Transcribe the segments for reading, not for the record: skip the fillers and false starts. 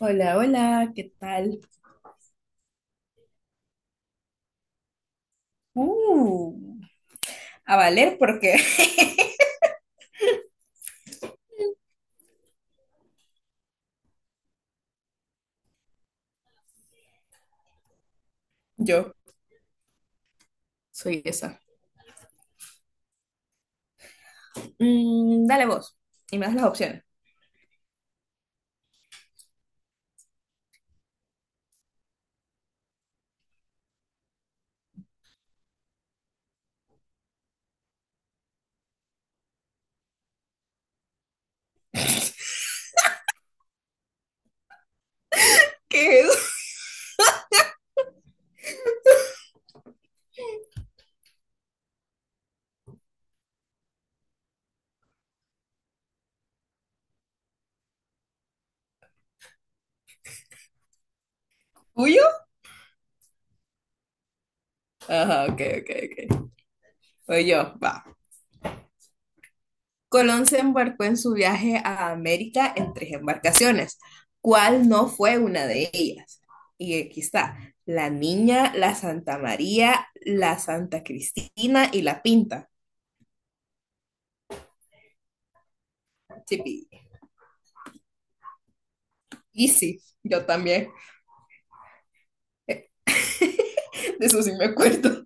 Hola, hola, ¿qué tal? Uh, a valer porque yo soy esa. Dale vos y me das las opciones. ¿Qué es? ¿Tuyo? Ajá, ok, ok, ok. Voy yo, va. Colón se embarcó en su viaje a América en tres embarcaciones. ¿Cuál no fue una de ellas? Y aquí está, la Niña, la Santa María, la Santa Cristina y la Pinta. Chipi. Y sí, yo también, de eso sí me acuerdo.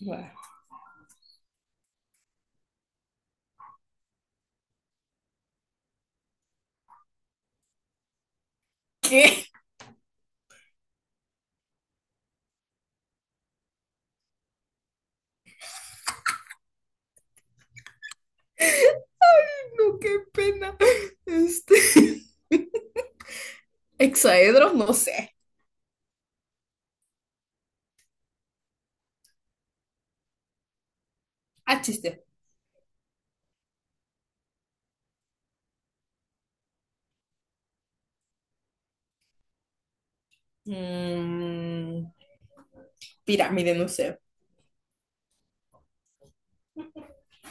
Bueno. ¿Qué? Ay, no, qué pena. Este. Hexaedro, no sé. Ah, chiste. Mm, pirámide, no sé.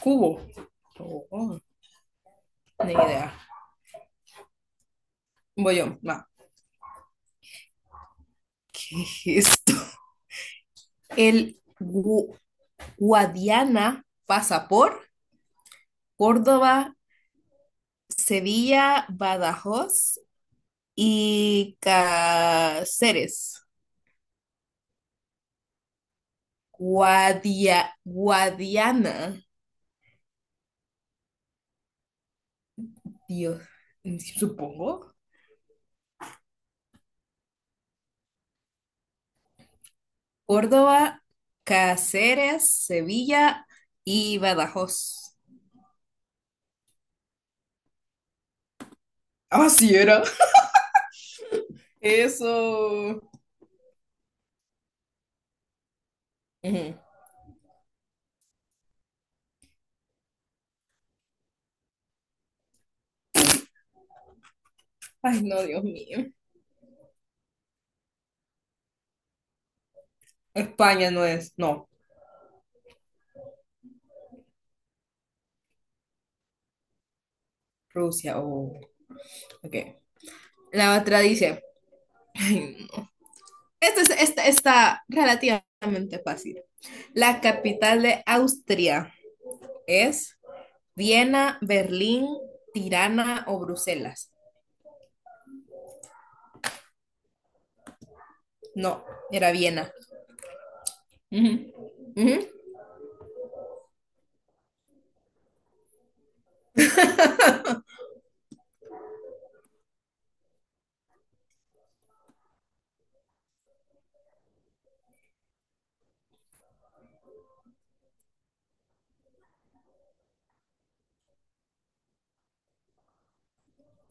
Cubo. Oh, oh, ni idea. Voy yo. Va. ¿Qué es esto? El Guadiana pasa por Córdoba, Sevilla, Badajoz y Cáceres. Guadiana. Dios, supongo. Córdoba, Cáceres, Sevilla y Badajoz. Ah, sí era. Eso. Ujú. Ay, no, Dios mío. España no es, no, Rusia, oh, ok. La otra dice, ay, no. Esta está relativamente fácil. La capital de Austria es Viena, Berlín, Tirana o Bruselas. No, era Viena. Ujú. Ujú.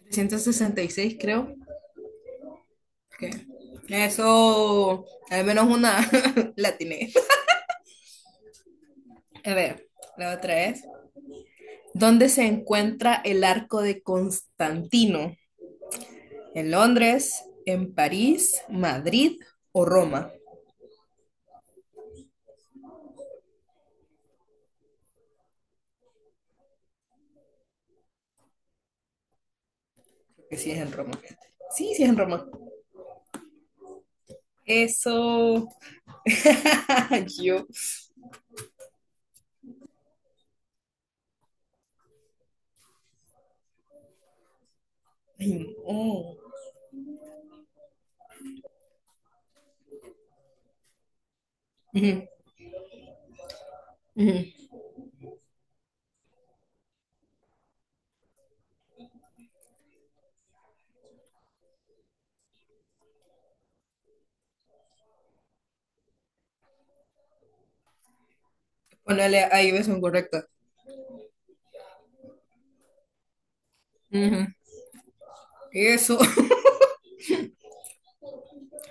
366, creo. Que eso, al menos una latiné. A ver, la otra es. ¿Dónde se encuentra el arco de Constantino? ¿En Londres? ¿En París? ¿Madrid o Roma? Porque sí es en Roma. Sí, sí es en Roma. Eso. Yo. Ay, no. Ujú, ujú. Ponele ahí versión correcta. Ujú. Eso.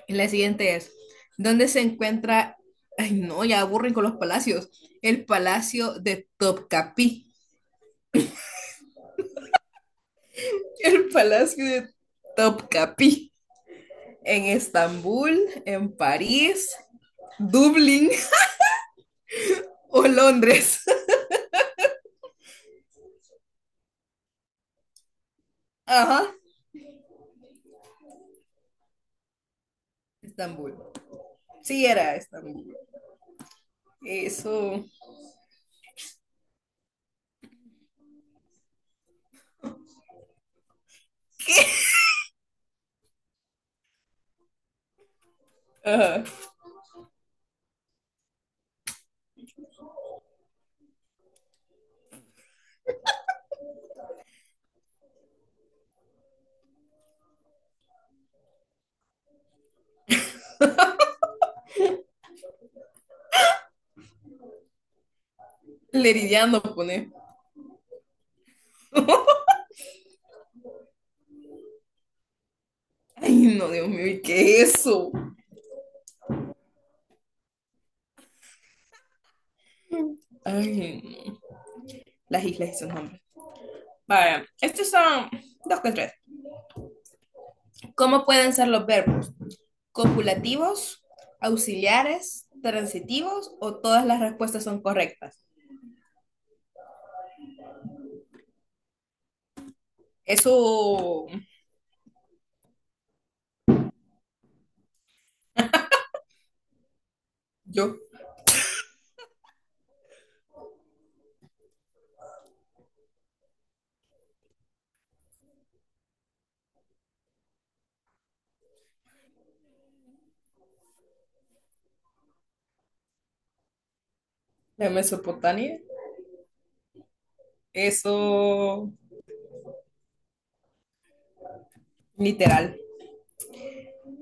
La siguiente es, ¿dónde se encuentra, ay no, ya aburren con los palacios, el palacio de Topkapi? El palacio de Topkapi. En Estambul, en París, Dublín o Londres. Ajá, Estambul. Sí, era Estambul. Eso. Ajá. Leridiano pone. Ay, no, Dios mío, ¿y qué es eso? Ay, no. Las islas y sus nombres. Vaya, estos son dos con tres. ¿Cómo pueden ser los verbos? ¿Copulativos, auxiliares, transitivos o todas las respuestas son correctas? Eso yo, de Mesopotamia. Eso literal.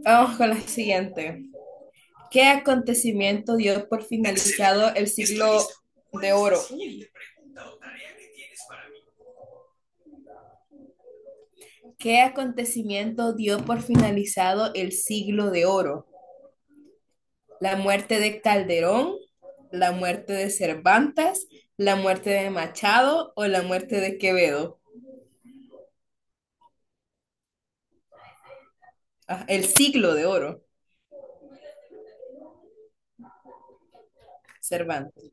Vamos con la siguiente. ¿Qué acontecimiento dio por finalizado el siglo de oro? ¿Qué acontecimiento dio por finalizado el siglo de oro? La muerte de Calderón, la muerte de Cervantes, la muerte de Machado o la muerte de Quevedo. Ah, el siglo de oro, Cervantes.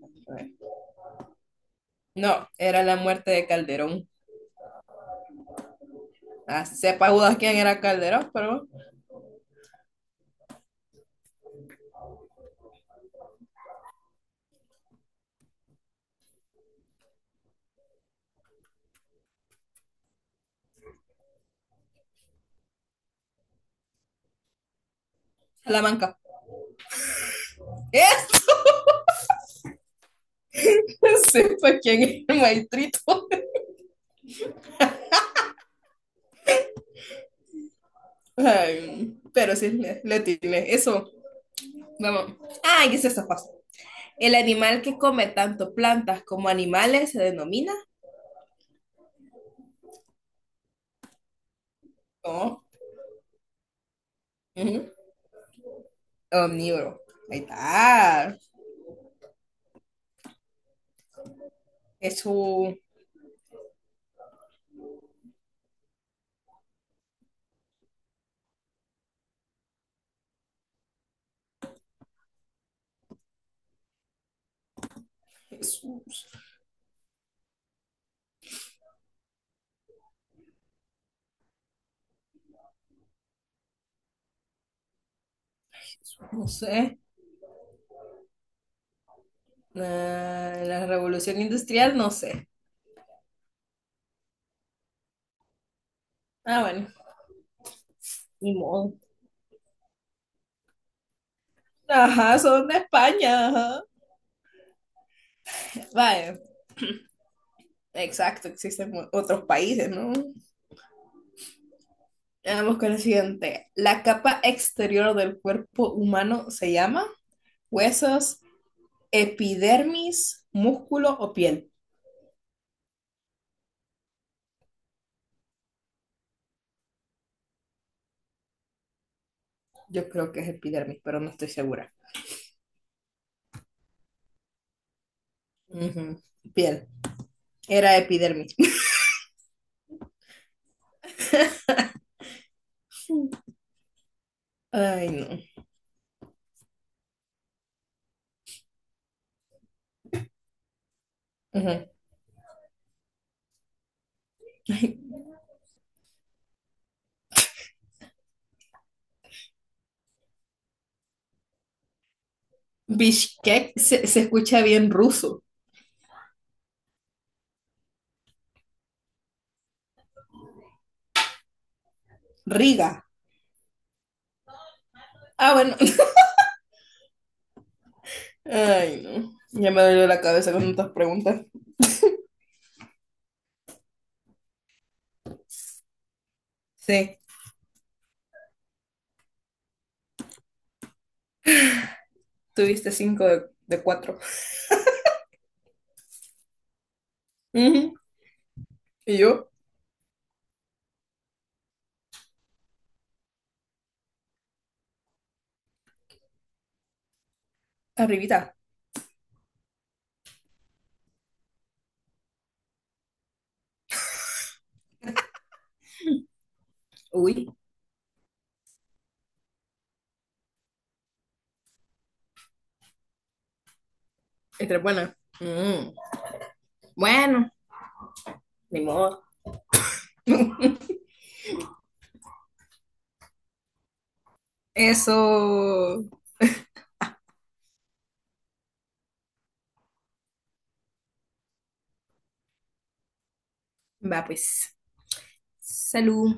No, era la muerte de Calderón. Ah, sepa Judas quién era Calderón, pero Salamanca. ¿Eh? Sepa quién es el maestrito. Ay, pero sí, le tiré. Eso, vamos. Ah, y es esta fácil. El animal que come tanto plantas como animales se denomina. No. Ujú. Omnívoro. Ahí está. Jesús. Jesús. Jesús, no sé. Ah, la revolución industrial, no sé. Ah, bueno. Ni modo. Ajá, son de España. Ajá. Vaya. Exacto, existen otros países, ¿no? Vamos con el siguiente. La capa exterior del cuerpo humano se llama huesos, epidermis, músculo o piel. Yo creo que es epidermis, pero no estoy segura. Ujú. Piel. Era epidermis. Ay, no. Ujú. Bishkek se escucha bien ruso. Riga. Ah, bueno. Ay, no. Ya me dolió la cabeza con tantas preguntas. Sí, tuviste cinco de cuatro. Ujú. Y yo, arribita. Uy, esta es buena. Mm. Bueno, ni modo. Eso. Va, pues. Salud.